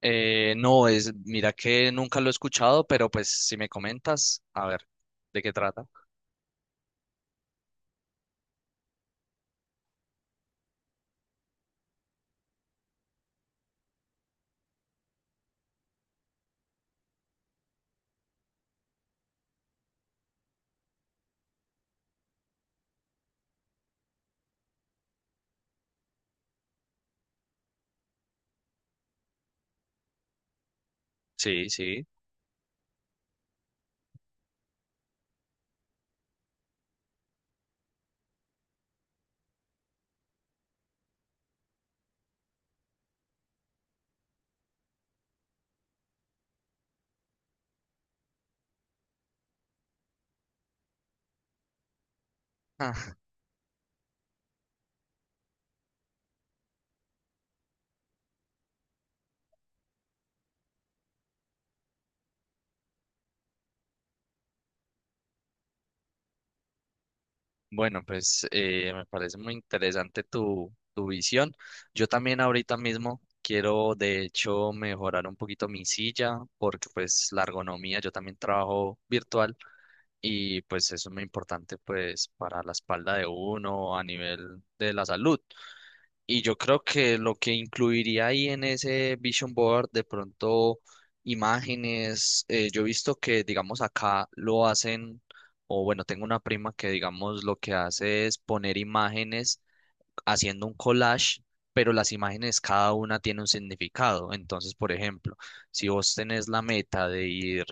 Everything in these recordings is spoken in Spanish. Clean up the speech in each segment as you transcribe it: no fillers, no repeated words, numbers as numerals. No, es, mira que nunca lo he escuchado, pero pues si me comentas, a ver, ¿de qué trata? Sí, sí. Ah, bueno, pues me parece muy interesante tu visión. Yo también ahorita mismo quiero, de hecho, mejorar un poquito mi silla, porque pues la ergonomía, yo también trabajo virtual y pues eso es muy importante pues para la espalda de uno a nivel de la salud. Y yo creo que lo que incluiría ahí en ese vision board, de pronto imágenes, yo he visto que, digamos, acá lo hacen, o bueno, tengo una prima que, digamos, lo que hace es poner imágenes haciendo un collage, pero las imágenes cada una tiene un significado. Entonces, por ejemplo, si vos tenés la meta de ir,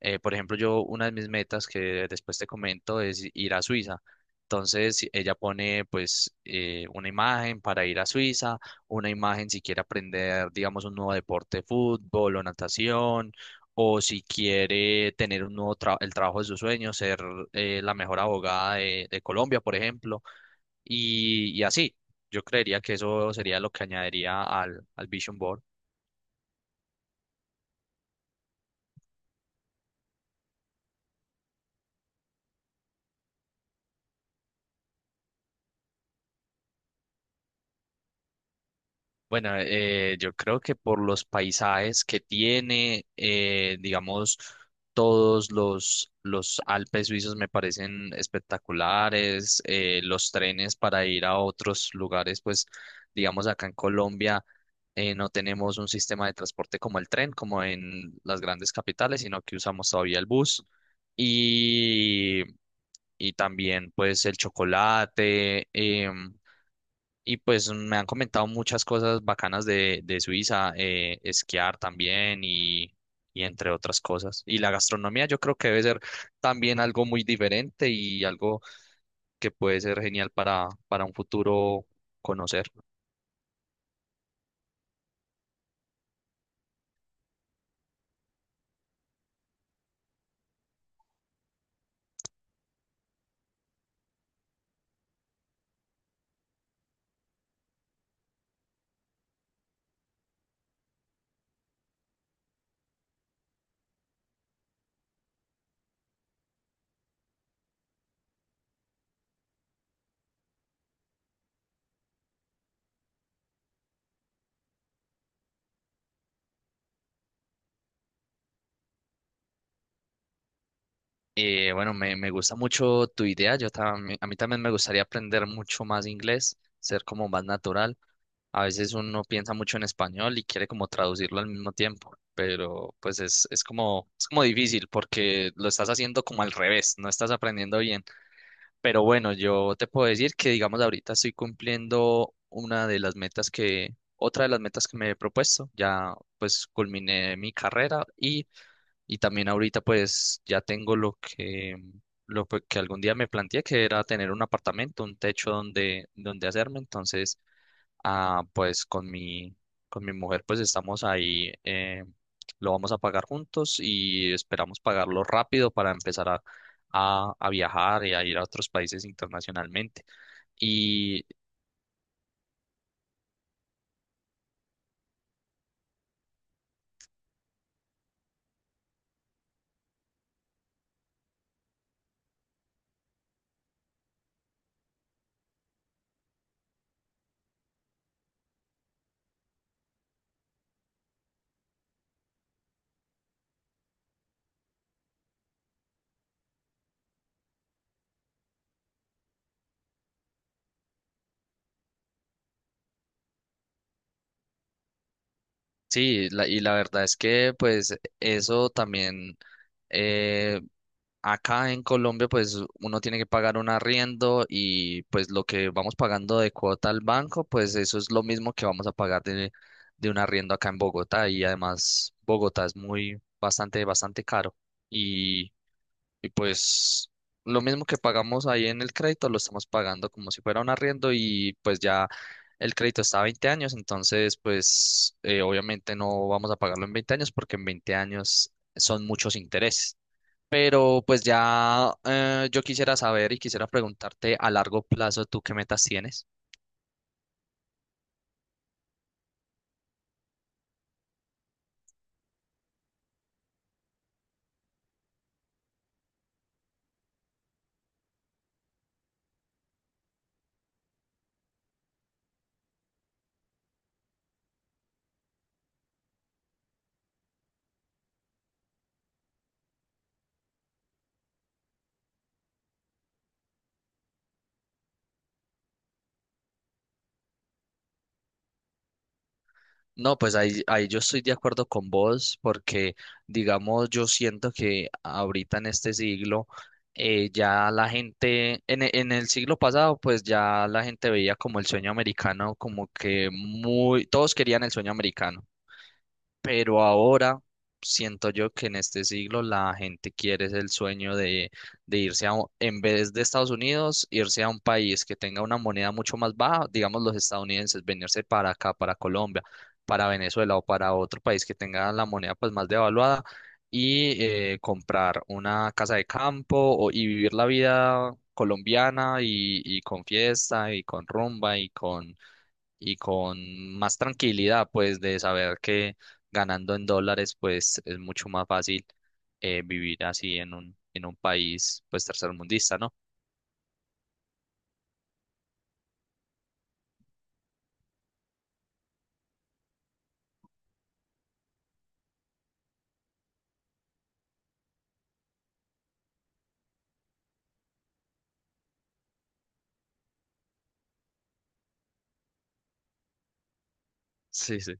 por ejemplo, yo una de mis metas que después te comento es ir a Suiza. Ella pone pues una imagen para ir a Suiza, una imagen si quiere aprender, digamos, un nuevo deporte, fútbol o natación, o si quiere tener un el trabajo de sus sueños, ser la mejor abogada de Colombia, por ejemplo. Y así, yo creería que eso sería lo que añadiría al Vision Board. Bueno, yo creo que por los paisajes que tiene, digamos, todos los Alpes suizos me parecen espectaculares, los trenes para ir a otros lugares, pues, digamos, acá en Colombia no tenemos un sistema de transporte como el tren, como en las grandes capitales, sino que usamos todavía el bus. Y y también pues el chocolate. Y pues me han comentado muchas cosas bacanas de Suiza, esquiar también y entre otras cosas. Y la gastronomía yo creo que debe ser también algo muy diferente y algo que puede ser genial para un futuro conocer. Bueno, me gusta mucho tu idea. Yo también, a mí también me gustaría aprender mucho más inglés, ser como más natural. A veces uno piensa mucho en español y quiere como traducirlo al mismo tiempo, pero pues es como difícil porque lo estás haciendo como al revés, no estás aprendiendo bien. Pero bueno, yo te puedo decir que digamos ahorita estoy cumpliendo una de las metas que, otra de las metas que me he propuesto. Ya pues culminé mi carrera y también ahorita pues ya tengo lo que, que algún día me planteé, que era tener un apartamento, un techo donde, donde hacerme. Entonces, ah, pues con mi mujer pues estamos ahí, lo vamos a pagar juntos y esperamos pagarlo rápido para empezar a viajar y a ir a otros países internacionalmente. Y sí, y la verdad es que pues eso también eh, acá en Colombia pues uno tiene que pagar un arriendo y pues lo que vamos pagando de cuota al banco pues eso es lo mismo que vamos a pagar de un arriendo acá en Bogotá y además Bogotá es muy bastante bastante caro y pues lo mismo que pagamos ahí en el crédito, lo estamos pagando como si fuera un arriendo y pues ya el crédito está a 20 años, entonces pues obviamente no vamos a pagarlo en 20 años porque en 20 años son muchos intereses. Pero pues ya yo quisiera saber y quisiera preguntarte a largo plazo, ¿tú qué metas tienes? No, pues ahí yo estoy de acuerdo con vos porque, digamos, yo siento que ahorita en este siglo ya la gente, en el siglo pasado, pues ya la gente veía como el sueño americano, como que muy, todos querían el sueño americano. Pero ahora siento yo que en este siglo la gente quiere es el sueño de irse a, en vez de Estados Unidos, irse a un país que tenga una moneda mucho más baja, digamos los estadounidenses, venirse para acá, para Colombia, para Venezuela o para otro país que tenga la moneda pues más devaluada y comprar una casa de campo y vivir la vida colombiana y con fiesta y con rumba y con más tranquilidad, pues, de saber que ganando en dólares, pues, es mucho más fácil vivir así en un país, pues, tercermundista, ¿no? Sí, sí.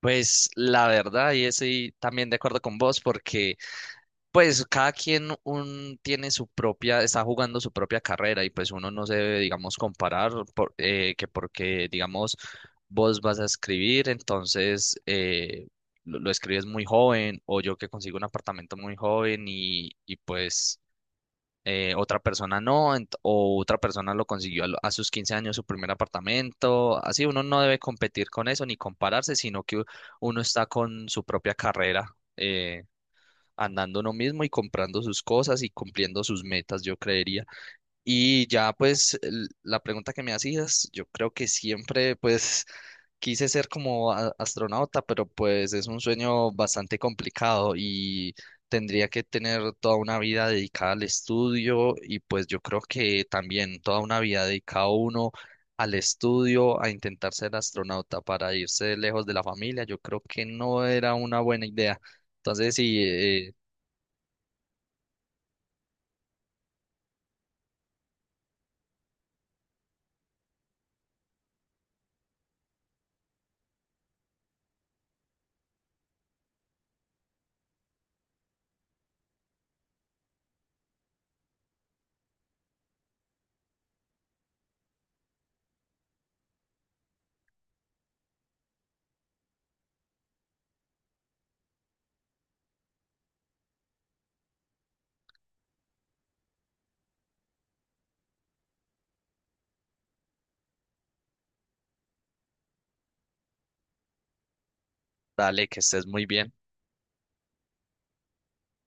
Pues, la verdad, y estoy también de acuerdo con vos, porque pues cada quien un, tiene su propia, está jugando su propia carrera y pues uno no se debe, digamos, que porque, digamos, vos vas a escribir, entonces lo escribes muy joven o yo que consigo un apartamento muy joven y pues otra persona no, o otra persona lo consiguió a, a sus 15 años su primer apartamento, así uno no debe competir con eso ni compararse, sino que uno está con su propia carrera. eh, Andando uno mismo y comprando sus cosas y cumpliendo sus metas, yo creería. Y ya pues la pregunta que me hacías, yo creo que siempre pues quise ser como astronauta, pero pues es un sueño bastante complicado y tendría que tener toda una vida dedicada al estudio y pues yo creo que también toda una vida dedicada uno al estudio, a intentar ser astronauta para irse lejos de la familia, yo creo que no era una buena idea. Entonces, sí, dale, que estés muy bien.